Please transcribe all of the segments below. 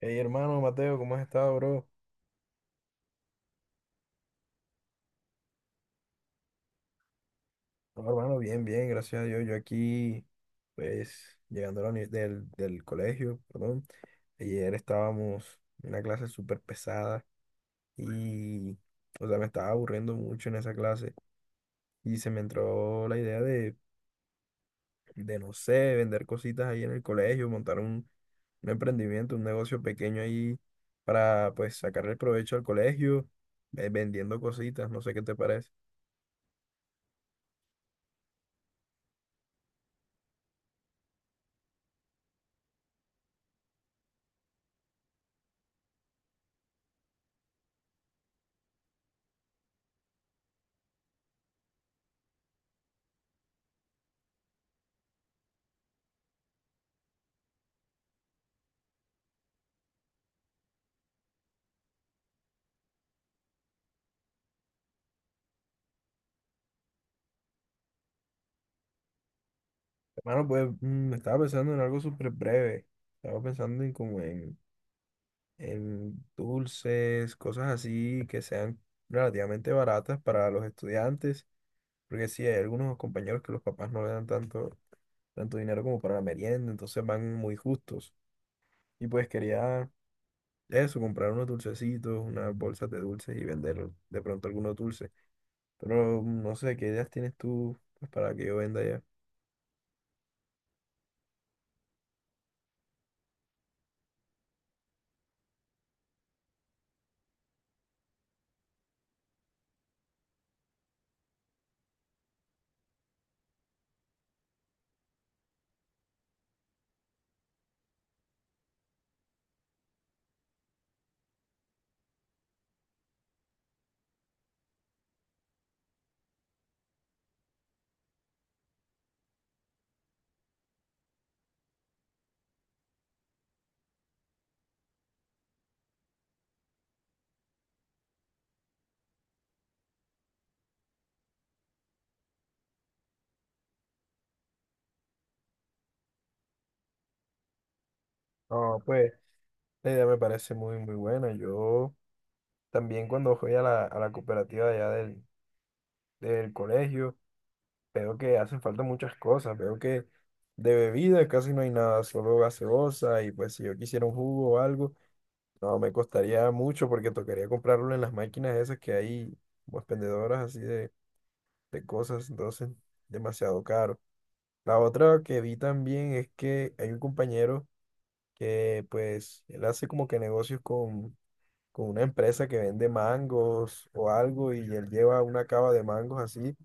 Hey, hermano Mateo, ¿cómo has estado, bro? No, hermano, bien, bien, gracias a Dios. Yo aquí, pues, llegando a la uni- del, del colegio, perdón. Ayer estábamos en una clase súper pesada y, o sea, me estaba aburriendo mucho en esa clase y se me entró la idea de, no sé, vender cositas ahí en el colegio, montar un, emprendimiento, un negocio pequeño ahí para, pues, sacarle provecho al colegio, vendiendo cositas, no sé qué te parece. Bueno, pues estaba pensando en algo súper breve. Estaba pensando en como en, dulces, cosas así que sean relativamente baratas para los estudiantes. Porque sí, hay algunos compañeros que los papás no le dan tanto, dinero como para la merienda, entonces van muy justos. Y pues quería eso, comprar unos dulcecitos, unas bolsas de dulces y vender de pronto algunos dulces. Pero no sé, ¿qué ideas tienes tú pues, para que yo venda ya? No, pues la idea me parece muy, muy buena. También cuando voy a la, cooperativa de allá del, colegio, veo que hacen falta muchas cosas. Veo que de bebida casi no hay nada, solo gaseosa. Y pues si yo quisiera un jugo o algo, no me costaría mucho porque tocaría comprarlo en las máquinas esas que hay, como expendedoras así de, cosas. Entonces, demasiado caro. La otra que vi también es que hay un compañero que pues él hace como que negocios con una empresa que vende mangos o algo y él lleva una cava de mangos así,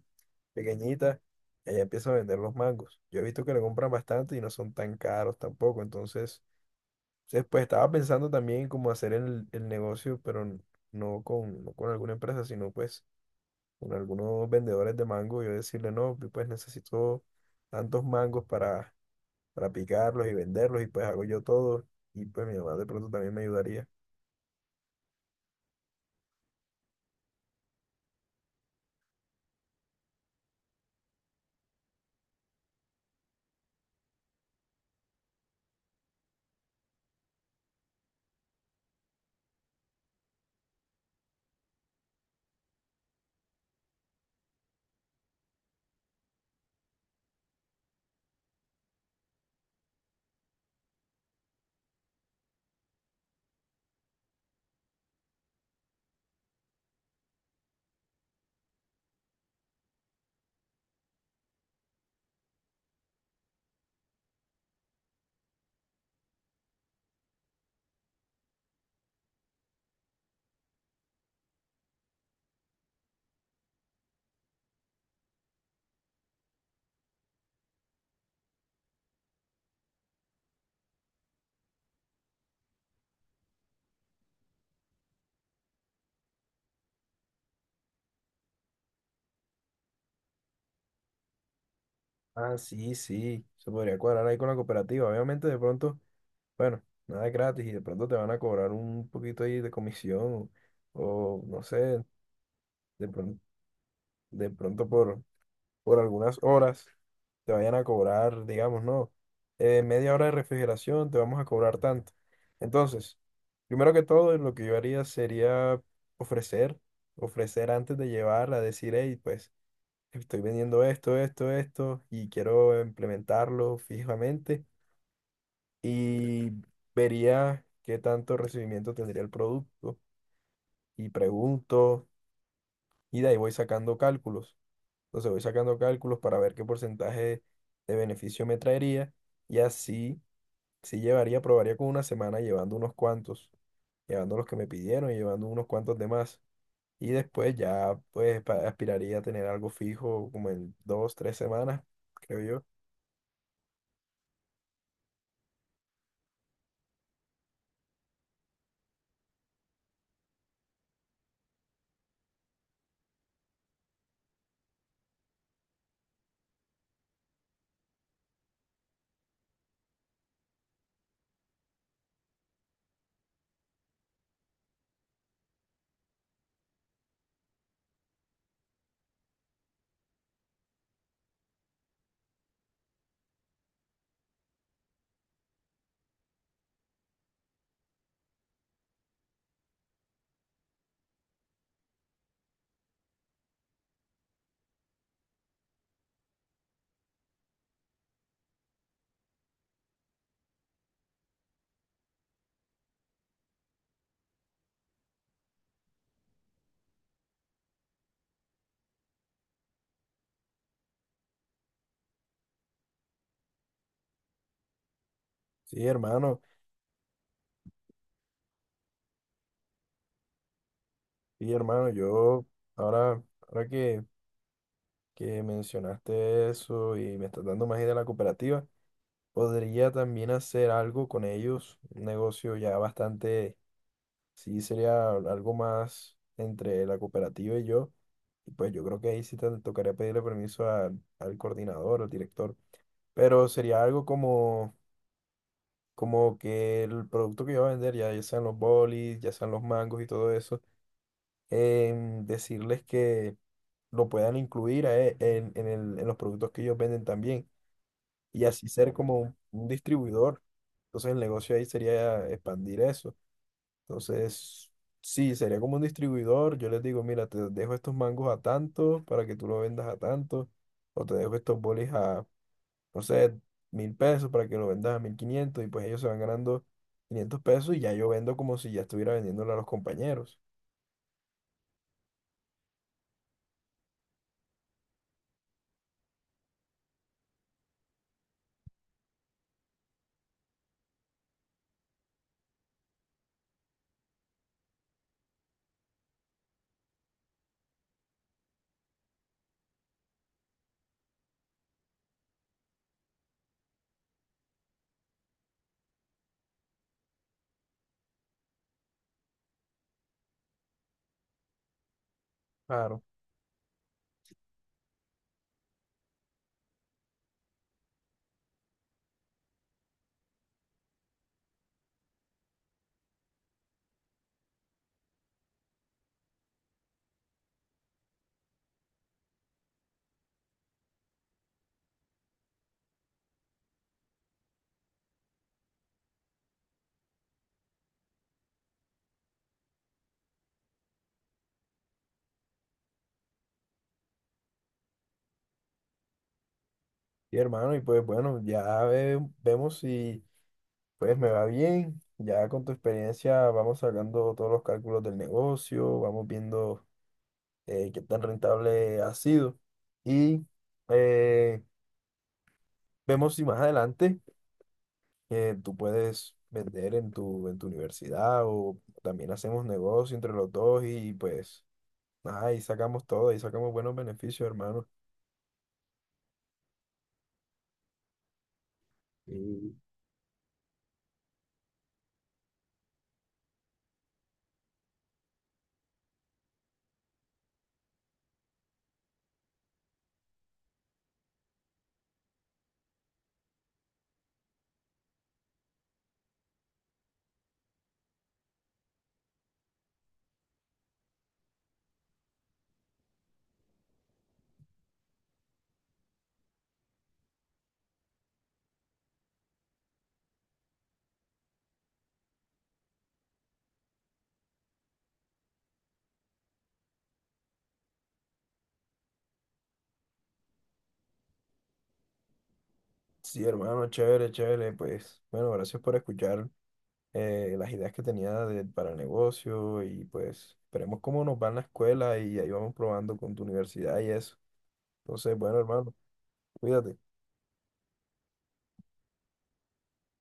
pequeñita, y ella empieza a vender los mangos. Yo he visto que le compran bastante y no son tan caros tampoco, entonces, pues estaba pensando también como hacer el, negocio, pero no con, alguna empresa, sino pues con algunos vendedores de mango. Yo decirle, no, pues necesito tantos mangos para, picarlos y venderlos y pues hago yo todo y pues mi mamá de pronto también me ayudaría. Ah, sí, sí, se podría cuadrar ahí con la cooperativa. Obviamente, de pronto, bueno, nada es gratis y de pronto te van a cobrar un poquito ahí de comisión o, no sé, de pronto, de pronto por, algunas horas te vayan a cobrar, digamos, no, media hora de refrigeración te vamos a cobrar tanto. Entonces, primero que todo, lo que yo haría sería ofrecer, antes de llevar, a decir, hey, pues estoy vendiendo esto, esto, esto y quiero implementarlo fijamente y vería qué tanto recibimiento tendría el producto y pregunto y de ahí voy sacando cálculos. Entonces voy sacando cálculos para ver qué porcentaje de beneficio me traería y así si llevaría, probaría con una semana llevando unos cuantos, llevando los que me pidieron y llevando unos cuantos de más. Y después ya pues aspiraría a tener algo fijo como en dos, tres semanas, creo yo. Sí, hermano, sí, hermano, yo ahora, que mencionaste eso y me estás dando más idea de la cooperativa, podría también hacer algo con ellos, un negocio ya bastante, sí sería algo más entre la cooperativa y yo, y pues yo creo que ahí sí te tocaría pedirle permiso al, coordinador, al director, pero sería algo como, como que el producto que yo voy a vender, ya, ya sean los bolis, ya sean los mangos y todo eso. Decirles que lo puedan incluir a en, en los productos que ellos venden también y así ser como un distribuidor. Entonces el negocio ahí sería expandir eso. Entonces, sí, sería como un distribuidor. Yo les digo, mira, te dejo estos mangos a tanto para que tú lo vendas a tanto, o te dejo estos bolis a, no sé, 1000 pesos para que lo vendas a 1500, y pues ellos se van ganando 500 pesos y ya yo vendo como si ya estuviera vendiéndole a los compañeros. Claro. Y hermano, y pues bueno, ya vemos si pues me va bien, ya con tu experiencia vamos sacando todos los cálculos del negocio, vamos viendo qué tan rentable ha sido y, eh, vemos si más adelante tú puedes vender en tu, universidad o también hacemos negocio entre los dos y pues nada, ahí sacamos todo, ahí sacamos buenos beneficios, hermano. Y sí, hermano, chévere, chévere, pues bueno, gracias por escuchar las ideas que tenía para el negocio y pues veremos cómo nos va en la escuela y ahí vamos probando con tu universidad y eso. Entonces, bueno, hermano, cuídate.